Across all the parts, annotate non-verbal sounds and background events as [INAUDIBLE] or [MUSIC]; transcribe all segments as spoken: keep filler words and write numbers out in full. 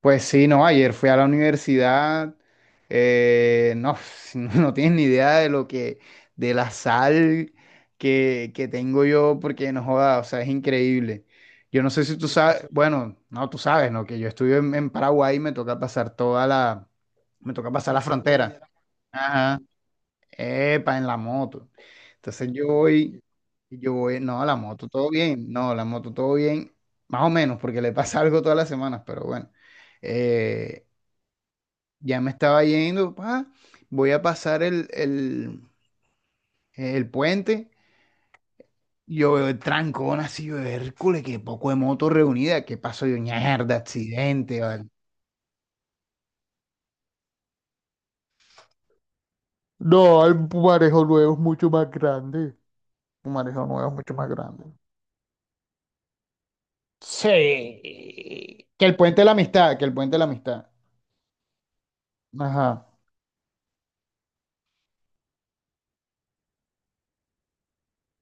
Pues sí, no, ayer fui a la universidad, eh, no, [LAUGHS] no tienes ni idea de lo que, de la sal que, que tengo yo, porque no joda, o sea, es increíble. Yo no sé si tú sabes, bueno, no, tú sabes, ¿no? Que yo estuve en, en Paraguay y me toca pasar toda la, me toca pasar La frontera. Ajá. Epa, en la moto. Entonces yo voy, yo voy, no, la moto todo bien, no, la moto todo bien, más o menos, porque le pasa [LAUGHS] algo todas las semanas, pero bueno. Eh, ya me estaba yendo, pa, voy a pasar el, el, el puente. Yo veo el trancón así, yo, Hércules, qué poco de moto reunida, qué pasó, yo, mierda, accidente, vale. No, el marejo nuevo es mucho más grande. Un marejo nuevo es mucho más grande. Sí. Que el puente de la amistad, que el puente de la amistad. Ajá.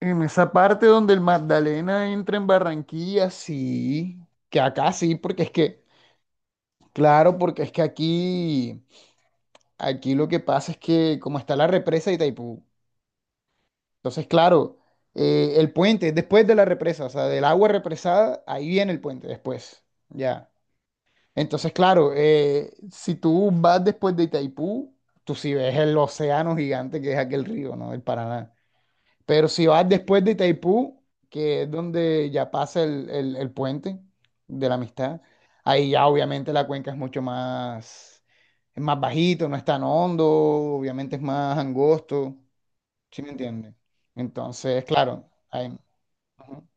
En esa parte donde el Magdalena entra en Barranquilla, sí. Que acá sí, porque es que, claro, porque es que aquí, aquí lo que pasa es que como está la represa de Itaipú, entonces, claro, eh, el puente es después de la represa, o sea, del agua represada, ahí viene el puente después. Ya. Entonces, claro, eh, si tú vas después de Itaipú, tú sí ves el océano gigante que es aquel río, ¿no? El Paraná. Pero si vas después de Itaipú, que es donde ya pasa el, el- el puente de la amistad, ahí ya obviamente la cuenca es mucho más, es más bajito, no es tan hondo, obviamente es más angosto, ¿sí me entiendes? Entonces, claro, ahí- ujú,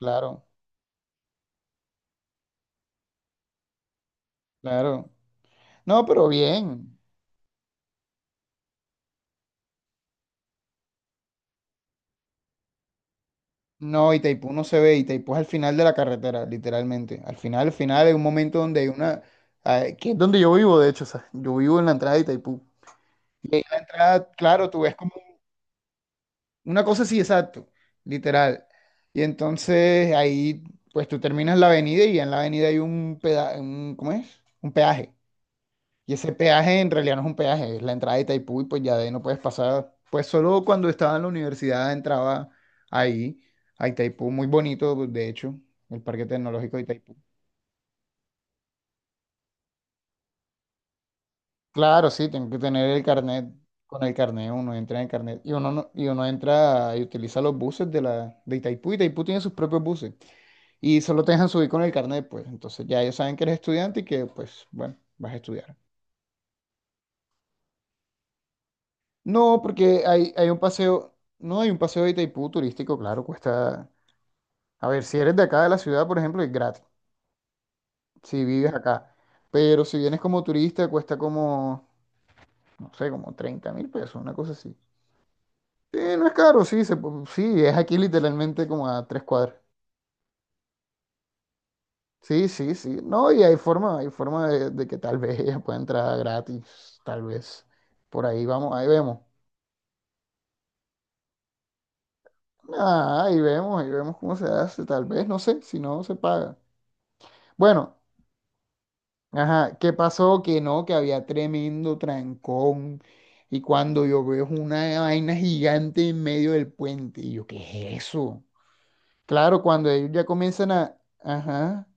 claro, claro. No, pero bien. No, Itaipú no se ve, Itaipú es al final de la carretera, literalmente. Al final, al final, hay un momento donde hay una... Ah, que es donde yo vivo, de hecho, o sea, yo vivo en la entrada de Itaipú. Y ahí en la entrada, claro, tú ves como una cosa así, exacto, literal. Y entonces ahí, pues tú terminas la avenida y en la avenida hay un peda... un, ¿cómo es? Un peaje. Y ese peaje en realidad no es un peaje, es la entrada de Itaipú y pues ya de ahí no puedes pasar. Pues solo cuando estaba en la universidad entraba ahí, a Itaipú, muy bonito, de hecho, el Parque Tecnológico de Itaipú. Claro, sí, tengo que tener el carnet. Con el carnet uno entra en el carnet y uno, no- y uno entra y utiliza los buses de, la, de Itaipú. Itaipú tiene sus propios buses y solo te dejan subir con el carnet, pues. Entonces ya ellos saben que eres estudiante y que, pues, bueno, vas a estudiar. No, porque hay, hay un paseo, no hay un paseo de Itaipú turístico, claro, cuesta. A ver, si eres de acá de la ciudad, por ejemplo, es gratis, si vives acá. Pero si vienes como turista, cuesta como, no sé, como treinta mil pesos, una cosa así. Sí, no es caro, sí, se, pu- sí, es aquí literalmente como a tres cuadras. Sí, sí, sí. No, y hay forma, hay forma de, de que tal vez ella pueda entrar gratis, tal vez. Por ahí vamos, ahí vemos. Ah, ahí vemos, ahí vemos cómo se hace, tal vez, no sé, si no se paga. Bueno. Ajá, ¿qué pasó? Que no, que había tremendo trancón. Y cuando yo veo es una vaina gigante en medio del puente, y yo, ¿qué es eso? Claro, cuando ellos ya comienzan a, ajá,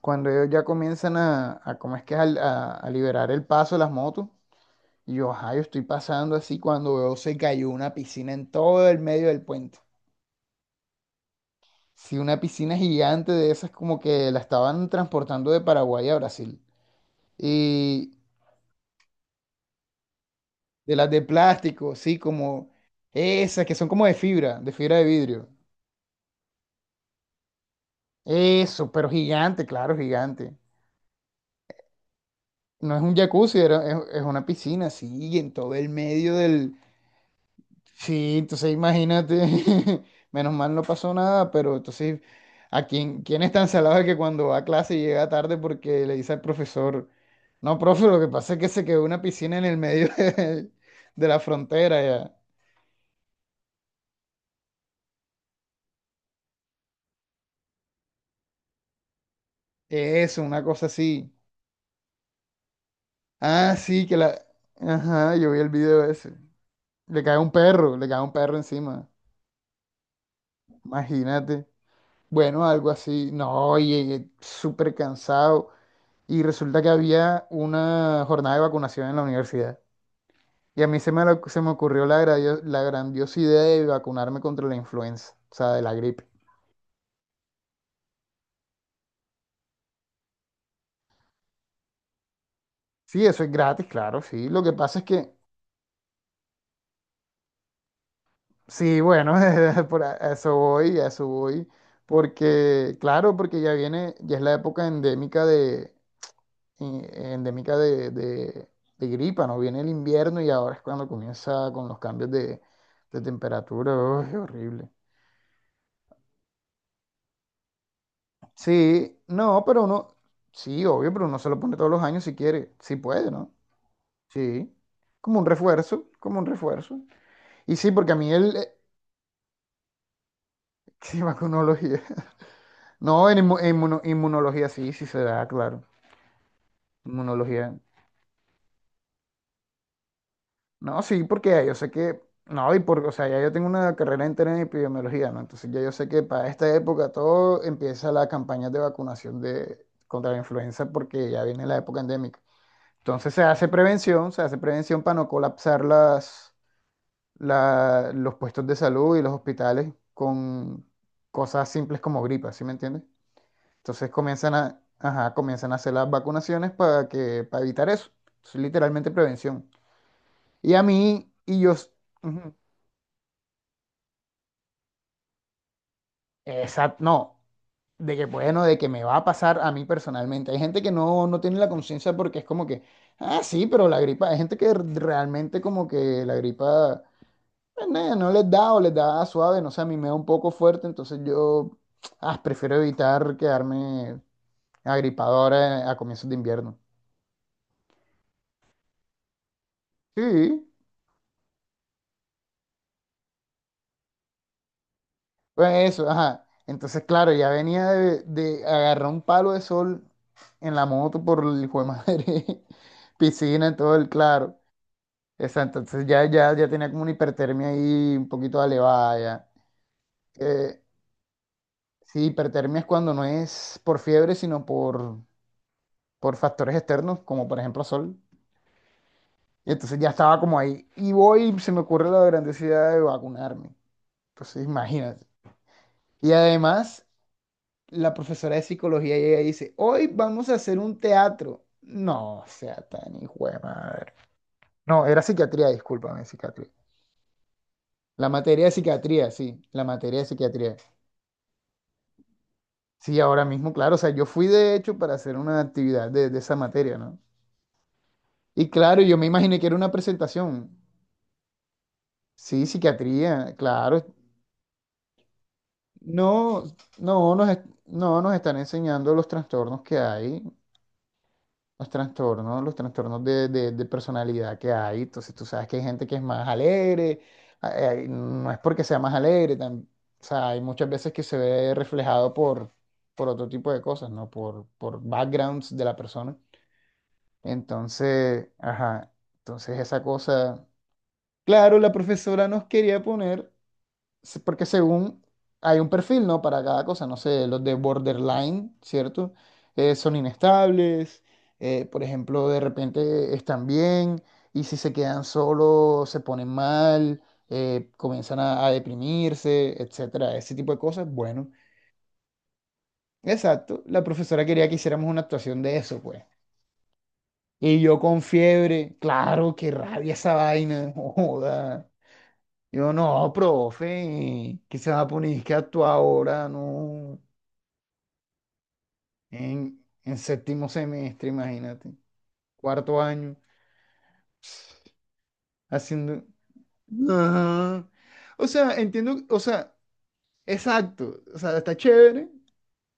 cuando ellos ya comienzan a, a ¿cómo es que es? Al- A, a liberar el paso de las motos, y yo, ajá, yo estoy pasando así cuando veo se cayó una piscina en todo el medio del puente. Sí, una piscina gigante de esas como que la estaban transportando de Paraguay a Brasil. De las de plástico, sí, como esas que son como de fibra, de fibra de vidrio. Eso, pero gigante, claro, gigante. No es un jacuzzi, era- es, es una piscina, sí, en todo el medio del... Sí, entonces imagínate, [LAUGHS] menos mal no pasó nada, pero entonces, ¿a quién, quién es tan salado que cuando va a clase llega tarde porque le dice al profesor, no, profe, lo que pasa es que se quedó una piscina en el medio [LAUGHS] de, de la frontera, ya. Eso, una cosa así. Ah, sí, que la... Ajá, yo vi el video ese. Le cae un perro, le cae un perro encima. Imagínate. Bueno, algo así. No, llegué súper cansado. Y resulta que había una jornada de vacunación en la universidad. Y a mí se me, lo- se me ocurrió la, gradio- la grandiosa idea de vacunarme contra la influenza, o sea, de la gripe. Sí, eso es gratis, claro, sí. Lo que pasa es que, sí, bueno, [LAUGHS] por a a eso voy, a eso voy. Porque, claro, porque ya viene, ya es la época endémica de, y- endémica de, de- de gripa, ¿no? Viene el invierno y ahora es cuando comienza con los cambios de, de temperatura. Uy, qué horrible. Sí, no, pero uno, sí, obvio, pero uno se lo pone todos los años si quiere, si puede, ¿no? Sí, como un refuerzo, como un refuerzo. Y sí, porque a mí el... eh, [LAUGHS] sí, vacunología. No, en inmu- en inmuno- inmunología sí, sí se da, claro. Inmunología. No, sí, porque ya yo sé que, no, y porque, o sea, ya yo tengo una carrera entera en epidemiología, ¿no? Entonces ya yo sé que para esta época todo empieza la campaña de vacunación de, contra la influenza porque ya viene la época endémica. Entonces se hace prevención, se hace prevención para no colapsar las, la- los puestos de salud y los hospitales con cosas simples como gripa, ¿sí me entiendes? Entonces comienzan a, ajá, comienzan a hacer las vacunaciones para que, para evitar eso. Es literalmente prevención. Y a mí, y yo... s- ujú. Exacto, no, de que bueno, de que me va a pasar a mí personalmente. Hay gente que no, no tiene la conciencia porque es como que, ah, sí, pero la gripa, hay gente que realmente como que la gripa pues, no, no, les da o les da suave, no sé, a mí me da un poco fuerte, entonces yo [TSK] ah, prefiero evitar quedarme agripado ahora a comienzos de invierno. Sí, pues eso, ajá. Entonces, claro, ya venía de, de agarrar un palo de sol en la moto por el hijo de madre, [LAUGHS] piscina, en todo el claro. Esa, entonces ya, ya, ya tenía como una hipertermia ahí un poquito elevada ya. Eh, sí, hipertermia es cuando no es por fiebre, sino por, por factores externos, como por ejemplo sol. Y entonces ya estaba como ahí. Y voy, y se me ocurre la grandiosidad de vacunarme. Entonces imagínate. Y además, la profesora de psicología llega y dice, hoy vamos a hacer un teatro. No, sea tan hijo de madre. No, era psiquiatría, discúlpame, psiquiatría. La materia de psiquiatría, sí, la materia de psiquiatría. Sí, ahora mismo, claro. O sea, yo fui de hecho para hacer una actividad de, de esa materia, ¿no? Y claro, yo me imaginé que era una presentación. Sí, psiquiatría, claro. No, no nos, es- no nos están enseñando los trastornos que hay, los trastornos, los trastornos de, de- de personalidad que hay. Entonces, tú sabes que hay gente que es más alegre, a- eh, no es porque sea más alegre, tam- o sea, hay muchas veces que se ve reflejado por, por otro tipo de cosas, ¿no? Por, por backgrounds de la persona. Entonces, ajá, entonces esa cosa, claro, la profesora nos quería poner, se- porque según hay un perfil, ¿no? Para cada cosa, no sé, los de borderline, ¿cierto? Eh, son inestables, eh, por ejemplo, de repente están bien y si se quedan solos se ponen mal, eh, comienzan a, a deprimirse, etcétera, ese tipo de cosas. Bueno, exacto, la profesora quería que hiciéramos una actuación de eso, pues. Y yo con fiebre, claro, qué rabia esa vaina, [LAUGHS] joda. Yo no, profe, que se va a poner que actúa ahora, no, en, en séptimo semestre, imagínate, cuarto año, haciendo... [LAUGHS] Ajá. O sea, entiendo, o sea, exacto, o sea, está chévere,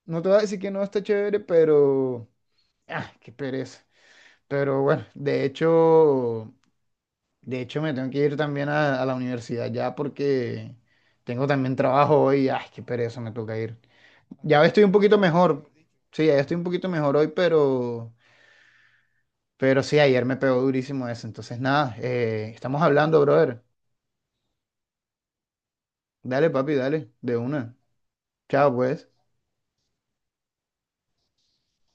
no te voy a decir que no está chévere, pero... Ah, qué pereza. Pero bueno, de hecho. De hecho, me tengo que ir también a, a la universidad ya porque tengo también trabajo hoy. Ay, qué pereza, me toca ir. Ya estoy un poquito mejor. Sí, ya estoy un poquito mejor hoy, pero, pero sí, ayer me pegó durísimo eso. Entonces, nada, eh, estamos hablando, brother. Dale, papi, dale, de una. Chao, pues.